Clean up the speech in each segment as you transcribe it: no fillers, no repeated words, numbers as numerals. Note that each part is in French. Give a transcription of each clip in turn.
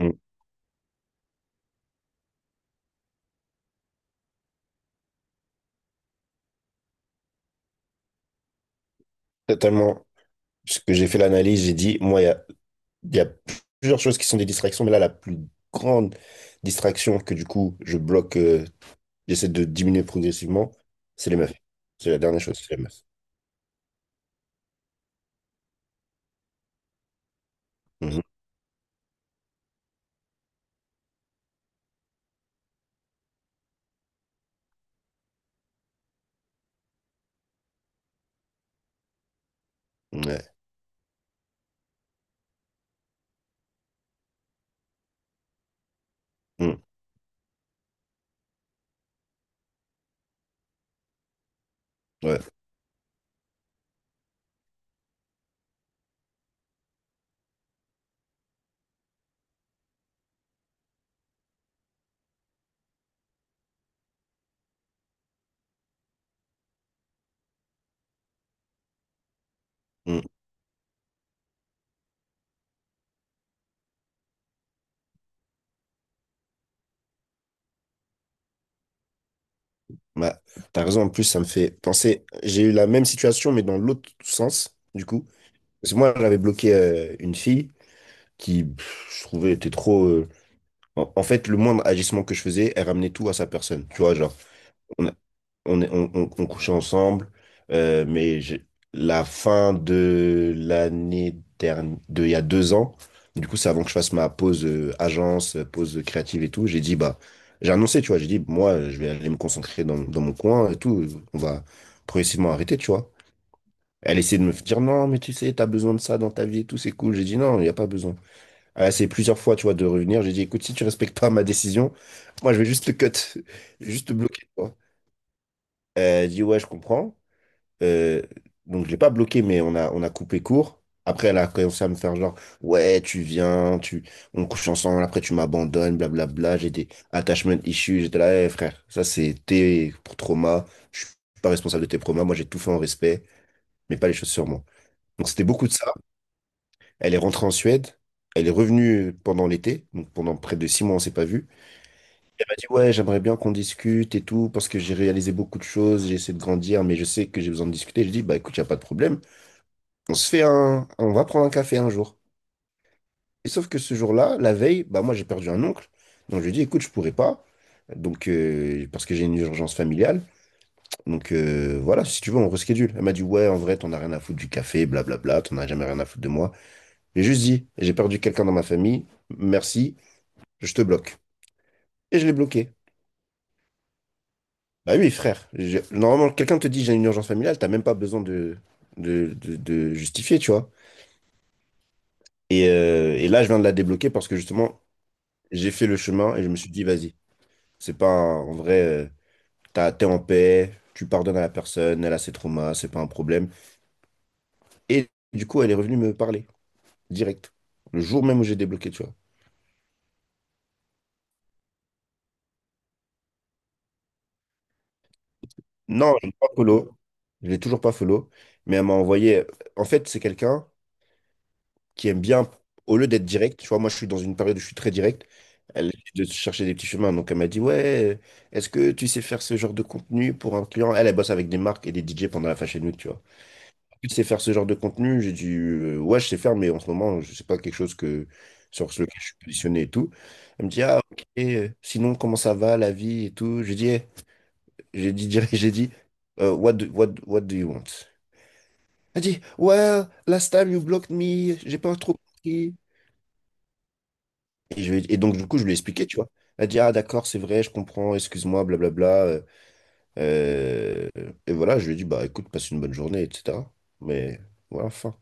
Mm. Totalement. Parce que j'ai fait l'analyse, j'ai dit, moi, il y a plusieurs choses qui sont des distractions, mais là, la plus grande distraction que du coup, je bloque, j'essaie de diminuer progressivement, c'est les meufs. C'est la dernière chose, c'est les meufs. Mhm. Ouais. Mm. Ouais. Mm. Bah, t'as raison, en plus, ça me fait penser, j'ai eu la même situation, mais dans l'autre sens, du coup. Parce que moi, j'avais bloqué une fille qui, pff, je trouvais, était trop. En fait, le moindre agissement que je faisais, elle ramenait tout à sa personne. Tu vois, genre. On on, est- on couchait ensemble, mais la fin de l'année dernière, il y a 2 ans, du coup, c'est avant que je fasse ma pause agence, pause créative et tout, j'ai dit, bah, j'ai annoncé, tu vois, j'ai dit, moi, je vais aller me concentrer dans mon coin et tout, on va progressivement arrêter, tu vois. Elle essayait de me dire, non, mais tu sais, t'as besoin de ça dans ta vie et tout, c'est cool. J'ai dit, non, il n'y a pas besoin. Elle a essayé plusieurs fois, tu vois, de revenir. J'ai dit, écoute, si tu respectes pas ma décision, moi, je vais juste te cut, juste te bloquer, tu vois. Elle dit, ouais, je comprends. Euh, donc je l'ai pas bloqué, mais on a coupé court. Après, elle a commencé à me faire genre, ouais, tu viens, on couche ensemble, après tu m'abandonnes, blablabla. J'ai des attachment issues, j'étais là, eh, frère, ça c'est tes pour trauma. Je suis pas responsable de tes traumas, moi j'ai tout fait en respect, mais pas les choses sur moi. Donc c'était beaucoup de ça. Elle est rentrée en Suède, elle est revenue pendant l'été, donc pendant près de 6 mois on s'est pas vu. Elle m'a dit, ouais, j'aimerais bien qu'on discute et tout, parce que j'ai réalisé beaucoup de choses, j'ai essayé de grandir, mais je sais que j'ai besoin de discuter. Je dis, bah écoute, y a pas de problème. On va prendre un café un jour. Et sauf que ce jour-là, la veille, bah moi j'ai perdu un oncle, donc je lui ai dit écoute je pourrais pas, donc parce que j'ai une urgence familiale, donc voilà si tu veux on reschedule. Elle m'a dit ouais en vrai t'en as rien à foutre du café, blablabla, t'en as jamais rien à foutre de moi. J'ai juste dit j'ai perdu quelqu'un dans ma famille, merci, je te bloque. Et je l'ai bloqué. Bah oui frère, normalement quelqu'un te dit j'ai une urgence familiale, t'as même pas besoin de justifier tu vois. Et là je viens de la débloquer parce que justement j'ai fait le chemin et je me suis dit, vas-y, c'est pas un- en vrai, t'es en paix, tu pardonnes à la personne, elle a ses traumas, c'est pas un problème. Et du coup, elle est revenue me parler, direct, le jour même où j'ai débloqué, tu vois. Non, je l'ai pas follow, je l'ai toujours pas follow, mais elle m'a envoyé. En fait, c'est quelqu'un qui aime bien, au lieu d'être direct, tu vois, moi je suis dans une période où je suis très direct, elle essaie de chercher des petits chemins, donc elle m'a dit, ouais, est-ce que tu sais faire ce genre de contenu pour un client? Elle bosse avec des marques et des DJ pendant la Fashion Week, tu vois. Tu sais faire ce genre de contenu? J'ai dit, ouais, je sais faire, mais en ce moment, je sais pas quelque chose sur lequel je suis positionné et tout. Elle me dit, ah, ok, sinon, comment ça va, la vie et tout? J'ai dit, eh, j'ai dit, direct, j'ai dit, what do you want? Elle dit, well, last time you blocked me, j'ai pas trop compris. Et donc, du coup, je lui ai expliqué, tu vois. Elle dit, ah, d'accord, c'est vrai, je comprends, excuse-moi, blablabla. Euh, et voilà, je lui ai dit, bah, écoute, passe une bonne journée, etc. Mais voilà, enfin.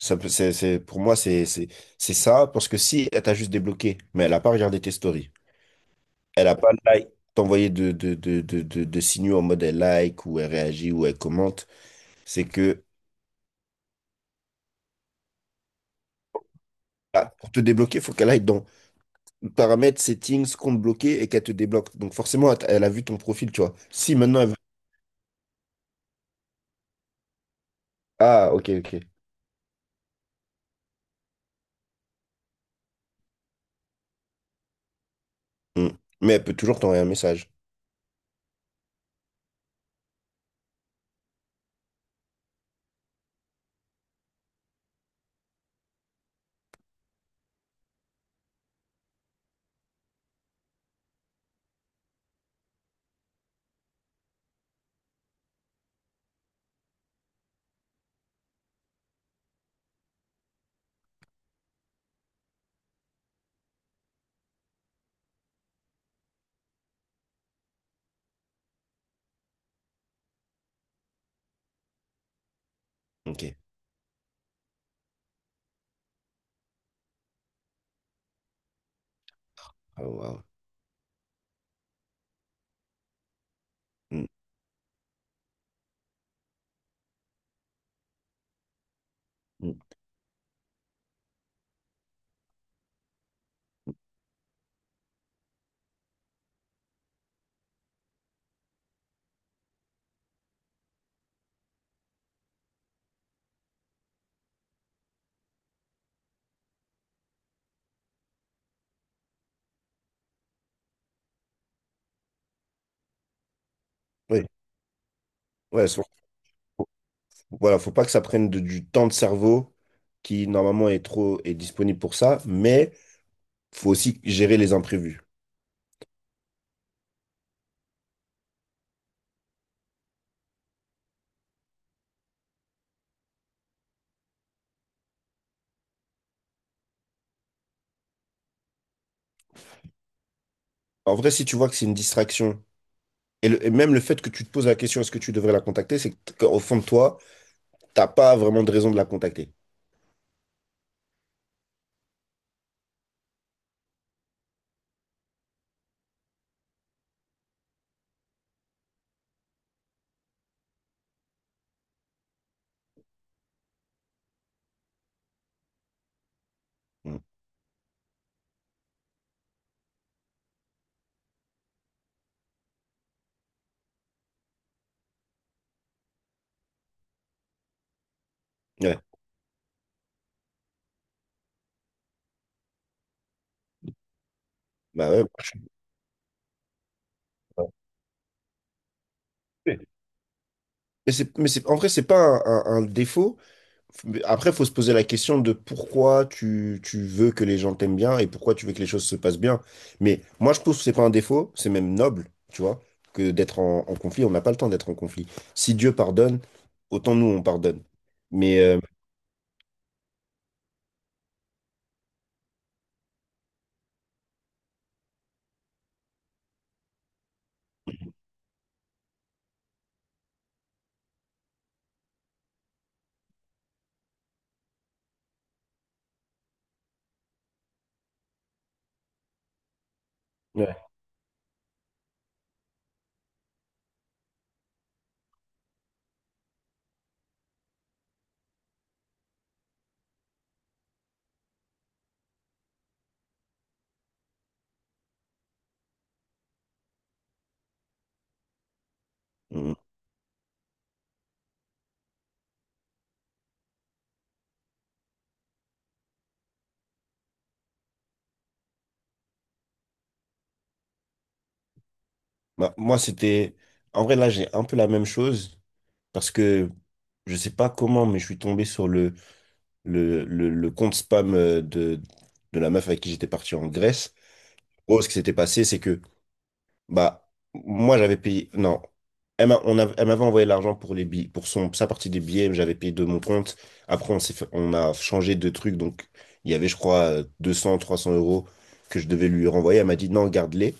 Pour moi, c'est ça, parce que si elle t'a juste débloqué, mais elle a pas regardé tes stories, elle a pas like, t'envoyé de signaux en mode elle like, ou elle réagit, ou elle commente, c'est que, ah, pour te débloquer, il faut qu'elle aille dans paramètres, settings, compte bloqué, et qu'elle te débloque. Donc forcément, elle a vu ton profil, tu vois. Si maintenant elle veut. Ah, ok, ok. Hmm. Mais elle peut toujours t'envoyer un message. Ok. Ah, wow. Hmm, hmm. Oui, ouais, c'est vrai. Voilà, faut pas que ça prenne du temps de cerveau qui normalement est disponible pour ça, mais faut aussi gérer les imprévus. En vrai, si tu vois que c'est une distraction, et même le fait que tu te poses la question est-ce que tu devrais la contacter, c'est qu'au fond de toi, t'as pas vraiment de raison de la contacter. Mm. Ouais. Bah ouais, moi, je suis désolé. Mais c'est, en vrai, c'est pas un défaut. Mais après, faut se poser la question de pourquoi tu veux que les gens t'aiment bien et pourquoi tu veux que les choses se passent bien. Mais moi, je trouve que c'est pas un défaut, c'est même noble, tu vois, que d'être en conflit. On n'a pas le temps d'être en conflit. Si Dieu pardonne, autant nous, on pardonne. Mais, ouais. mm, Bah, moi, c'était. En vrai, là, j'ai un peu la même chose parce que je sais pas comment, mais je suis tombé sur le compte spam de la meuf avec qui j'étais parti en Grèce. En gros, ce qui s'était passé, c'est que bah, moi, j'avais payé. Non. Elle m'avait envoyé l'argent pour les billets, pour son, sa partie des billets, mais j'avais payé de mon compte. Après, on a changé de truc. Donc, il y avait, je crois, 200, 300 € que je devais lui renvoyer. Elle m'a dit non, garde-les.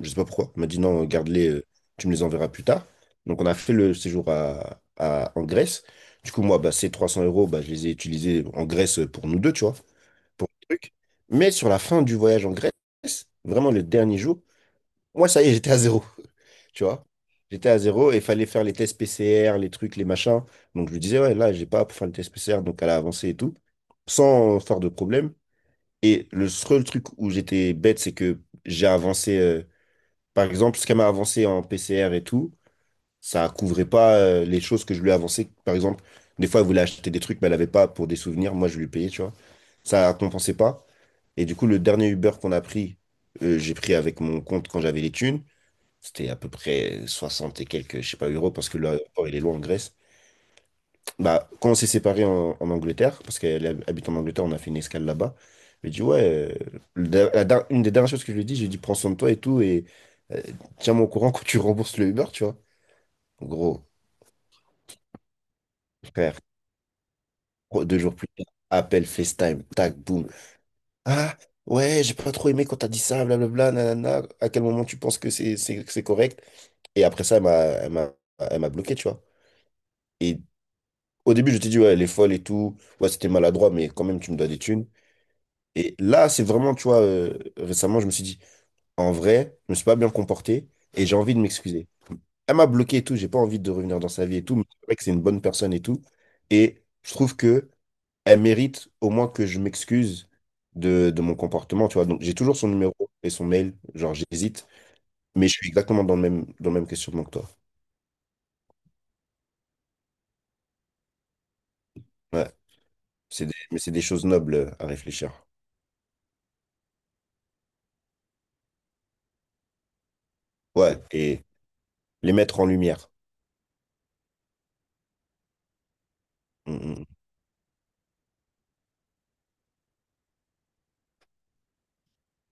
Je sais pas pourquoi. Elle m'a dit non, garde-les, tu me les enverras plus tard. Donc, on a fait le séjour en Grèce. Du coup, moi, bah, ces 300 euros, bah, je les ai utilisés en Grèce pour nous deux, tu vois, pour le truc. Mais sur la fin du voyage en Grèce, vraiment le dernier jour, moi, ça y est, j'étais à zéro. Tu vois? J'étais à zéro et il fallait faire les tests PCR, les trucs, les machins. Donc, je lui disais, ouais, là, j'ai pas pour faire le test PCR, donc elle a avancé et tout, sans faire de problème. Et le seul truc où j'étais bête, c'est que j'ai avancé, par exemple, ce qu'elle m'a avancé en PCR et tout, ça couvrait pas, les choses que je lui ai avancées. Par exemple, des fois, elle voulait acheter des trucs, mais elle avait pas pour des souvenirs. Moi, je lui payais, tu vois? Ça compensait pas. Et du coup, le dernier Uber qu'on a pris, j'ai pris avec mon compte quand j'avais les thunes. C'était à peu près 60 et quelques, je sais pas, euros, parce que l'aéroport, il est loin en Grèce. Bah, quand on s'est séparés en Angleterre, parce qu'elle habite en Angleterre, on a fait une escale là-bas. Je lui ai dit, ouais, une des dernières choses que je lui ai dit, j'ai dit, prends soin de toi et tout, et euh, tiens-moi au courant quand tu rembourses le Uber, tu vois. Gros, frère, gros, 2 jours plus tard, appel FaceTime, tac, boum. Ah, ouais, j'ai pas trop aimé quand t'as dit ça, blablabla, nanana. À quel moment tu penses que c'est correct? Et après ça, elle m'a bloqué, tu vois. Et au début, je t'ai dit, ouais, elle est folle et tout. Ouais, c'était maladroit, mais quand même, tu me dois des thunes. Et là, c'est vraiment, tu vois, récemment, je me suis dit, en vrai, je me suis pas bien comporté et j'ai envie de m'excuser. Elle m'a bloqué et tout, j'ai pas envie de revenir dans sa vie et tout, mais c'est vrai que c'est une bonne personne et tout. Et je trouve que elle mérite au moins que je m'excuse de mon comportement, tu vois. Donc, j'ai toujours son numéro et son mail, genre, j'hésite, mais je suis exactement dans le même questionnement que toi. Ouais, mais c'est des choses nobles à réfléchir. Ouais, et les mettre en lumière. Mm, mm.